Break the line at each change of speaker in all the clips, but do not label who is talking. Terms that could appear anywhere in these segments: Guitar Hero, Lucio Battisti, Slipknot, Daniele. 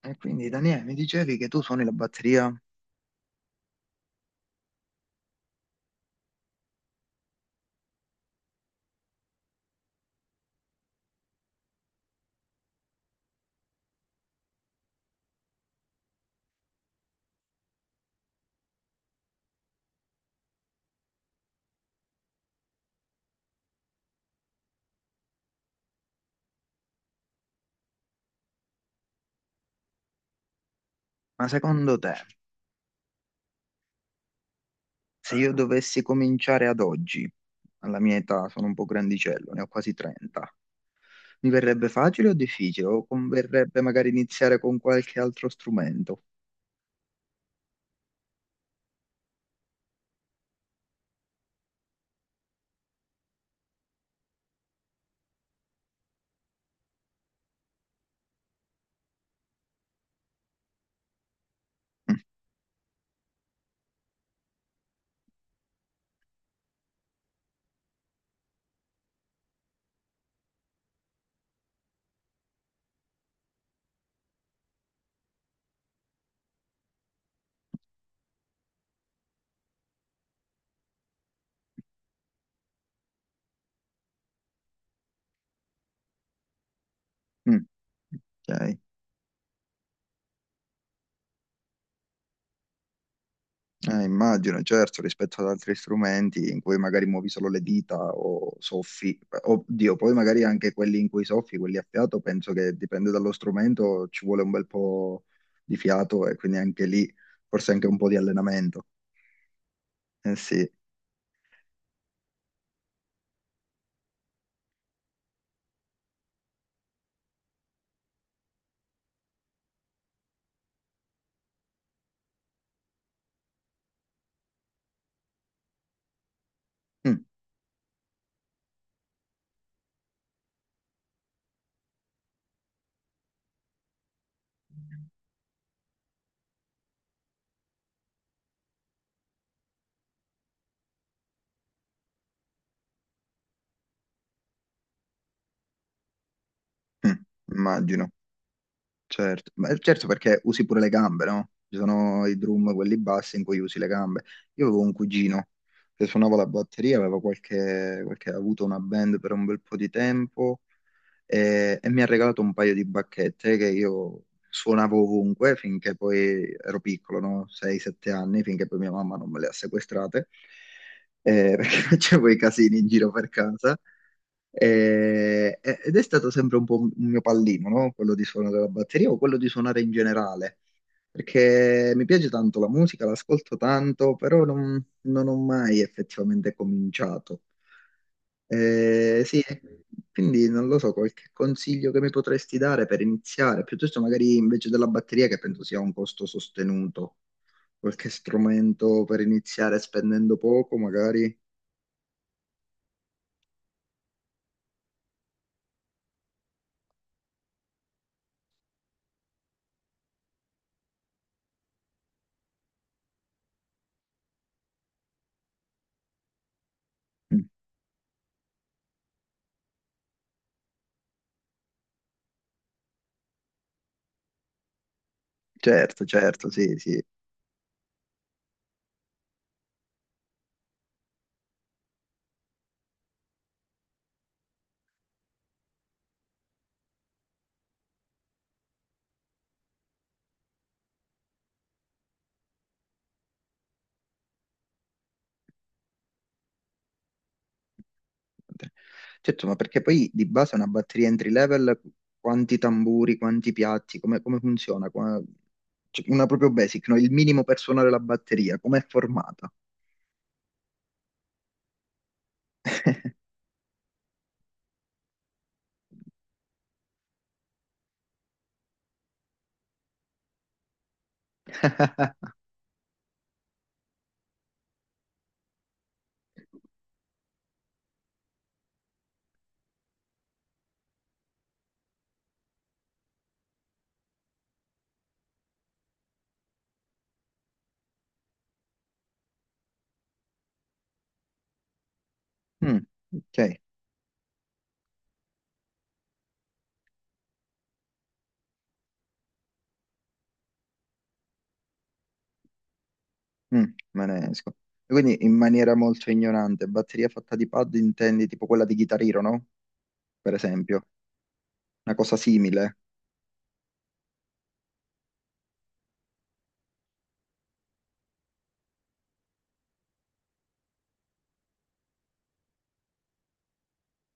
E quindi Daniele, mi dicevi che tu suoni la batteria, ma secondo te, se io dovessi cominciare ad oggi, alla mia età sono un po' grandicello, ne ho quasi 30, mi verrebbe facile o difficile? O converrebbe magari iniziare con qualche altro strumento? Mm, mm, ok. Immagino, certo, rispetto ad altri strumenti in cui magari muovi solo le dita o soffi, oddio, poi magari anche quelli in cui soffi, quelli a fiato, penso che dipende dallo strumento, ci vuole un bel po' di fiato e quindi anche lì forse anche un po' di allenamento. Eh sì, mm, mm, immagino, certo, ma certo perché usi pure le gambe, no? Ci sono i drum, quelli bassi in cui usi le gambe. Io avevo un cugino che suonava la batteria, aveva qualche, ha avuto una band per un bel po' di tempo. E mi ha regalato un paio di bacchette che io suonavo ovunque finché poi ero piccolo, no? 6-7 anni, finché poi mia mamma non me le ha sequestrate, perché facevo i casini in giro per casa. Ed è stato sempre un po' un mio pallino, no? Quello di suonare la batteria o quello di suonare in generale, perché mi piace tanto la musica, l'ascolto tanto, però non ho mai effettivamente cominciato. Sì, quindi non lo so, qualche consiglio che mi potresti dare per iniziare, piuttosto magari invece della batteria che penso sia un costo sostenuto, qualche strumento per iniziare spendendo poco magari? Mm, certo, certo, sì, sì. Certo, ma perché poi di base una batteria entry level, quanti tamburi, quanti piatti, come funziona? Cioè, una proprio basic, no? Il minimo per suonare la batteria, com'è formata? Mm, ok. Mm, me ne esco. E quindi in maniera molto ignorante, batteria fatta di pad intendi tipo quella di Guitar Hero, no? Per esempio, una cosa simile.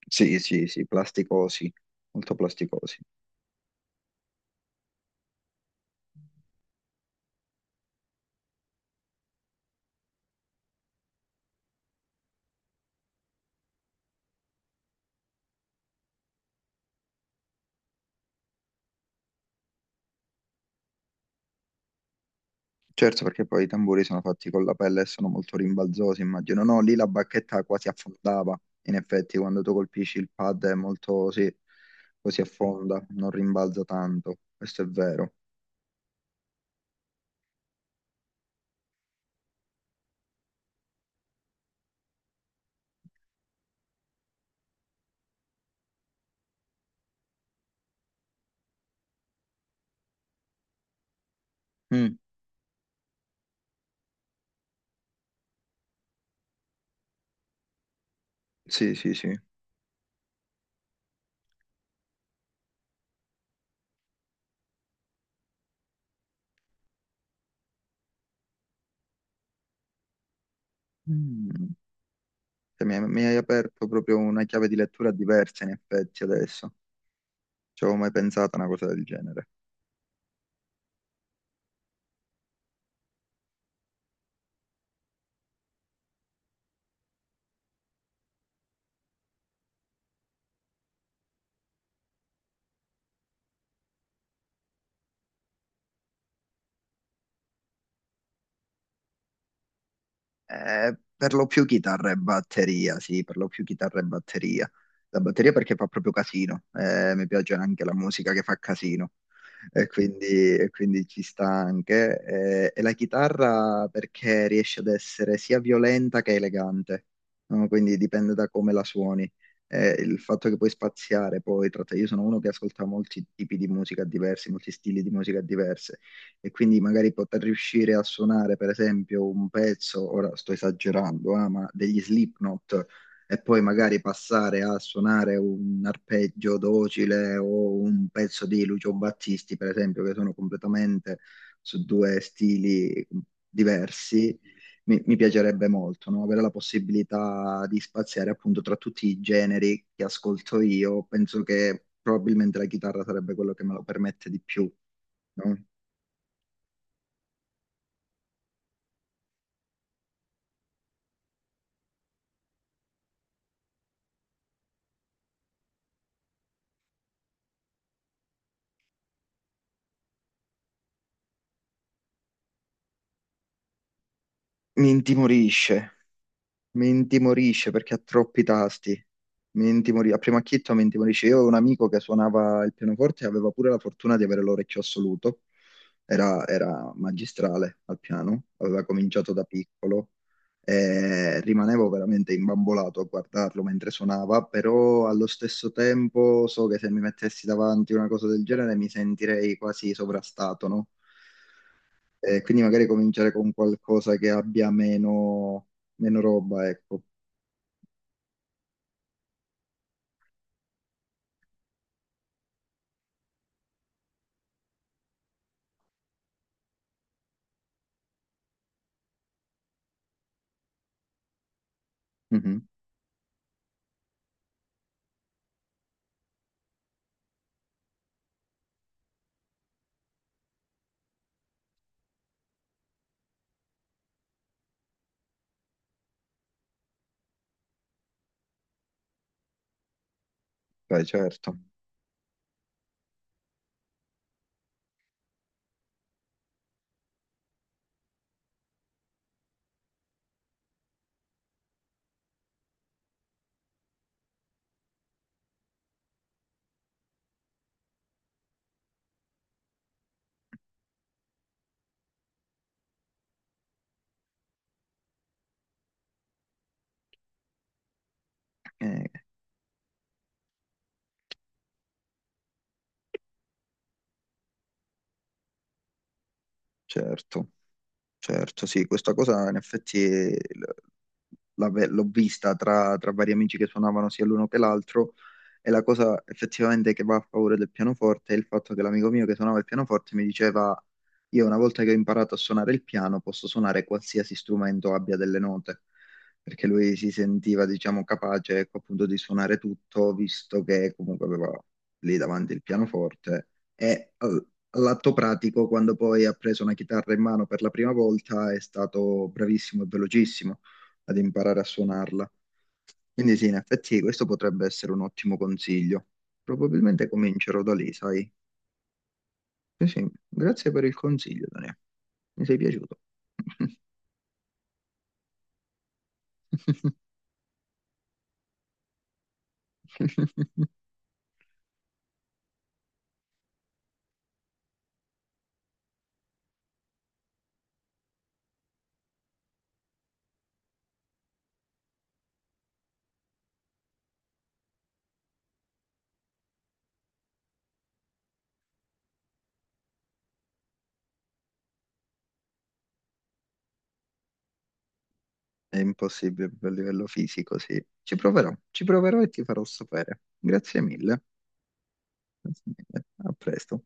Sì, sì, sì, plasticosi, molto plasticosi. Certo, perché poi i tamburi sono fatti con la pelle e sono molto rimbalzosi, immagino. No, lì la bacchetta quasi affondava. In effetti, quando tu colpisci il pad è molto, sì, così affonda, non rimbalza tanto. Questo è vero. Mm, sì, sì, sì. Mm. Cioè, mi hai aperto proprio una chiave di lettura diversa in effetti adesso. Ci avevo mai pensato a una cosa del genere. Per lo più chitarra e batteria, sì, per lo più chitarra e batteria. La batteria perché fa proprio casino, mi piace anche la musica che fa casino, e quindi, e quindi ci sta anche. E la chitarra perché riesce ad essere sia violenta che elegante, no? Quindi dipende da come la suoni. Il fatto che puoi spaziare poi, io sono uno che ascolta molti tipi di musica diversi, molti stili di musica diversi e quindi magari poter riuscire a suonare, per esempio, un pezzo, ora sto esagerando, ah, ma degli Slipknot, e poi magari passare a suonare un arpeggio docile o un pezzo di Lucio Battisti, per esempio, che sono completamente su due stili diversi. Mi piacerebbe molto, no? Avere la possibilità di spaziare appunto tra tutti i generi che ascolto io. Penso che probabilmente la chitarra sarebbe quello che me lo permette di più, no? Mi intimorisce, mi intimorisce perché ha troppi tasti. A primo acchito mi intimorisce. Io ho un amico che suonava il pianoforte e aveva pure la fortuna di avere l'orecchio assoluto. Era magistrale al piano, aveva cominciato da piccolo e rimanevo veramente imbambolato a guardarlo mentre suonava, però allo stesso tempo so che se mi mettessi davanti una cosa del genere mi sentirei quasi sovrastato, no? Quindi magari cominciare con qualcosa che abbia meno, meno roba, ecco. Mhm. Beh, certo. Eh, certo. Certo, sì, questa cosa in effetti l'ho vista tra, vari amici che suonavano sia l'uno che l'altro e la cosa effettivamente che va a favore del pianoforte è il fatto che l'amico mio che suonava il pianoforte mi diceva io una volta che ho imparato a suonare il piano posso suonare qualsiasi strumento abbia delle note, perché lui si sentiva diciamo capace ecco, appunto di suonare tutto visto che comunque aveva lì davanti il pianoforte e eh, all'atto pratico, quando poi ha preso una chitarra in mano per la prima volta, è stato bravissimo e velocissimo ad imparare a suonarla. Quindi sì, in effetti questo potrebbe essere un ottimo consiglio. Probabilmente comincerò da lì, sai? Sì, sì, grazie per il consiglio, Daniele. Mi sei piaciuto. È impossibile a livello fisico, sì. Ci proverò e ti farò sapere. Grazie mille. Grazie mille. A presto.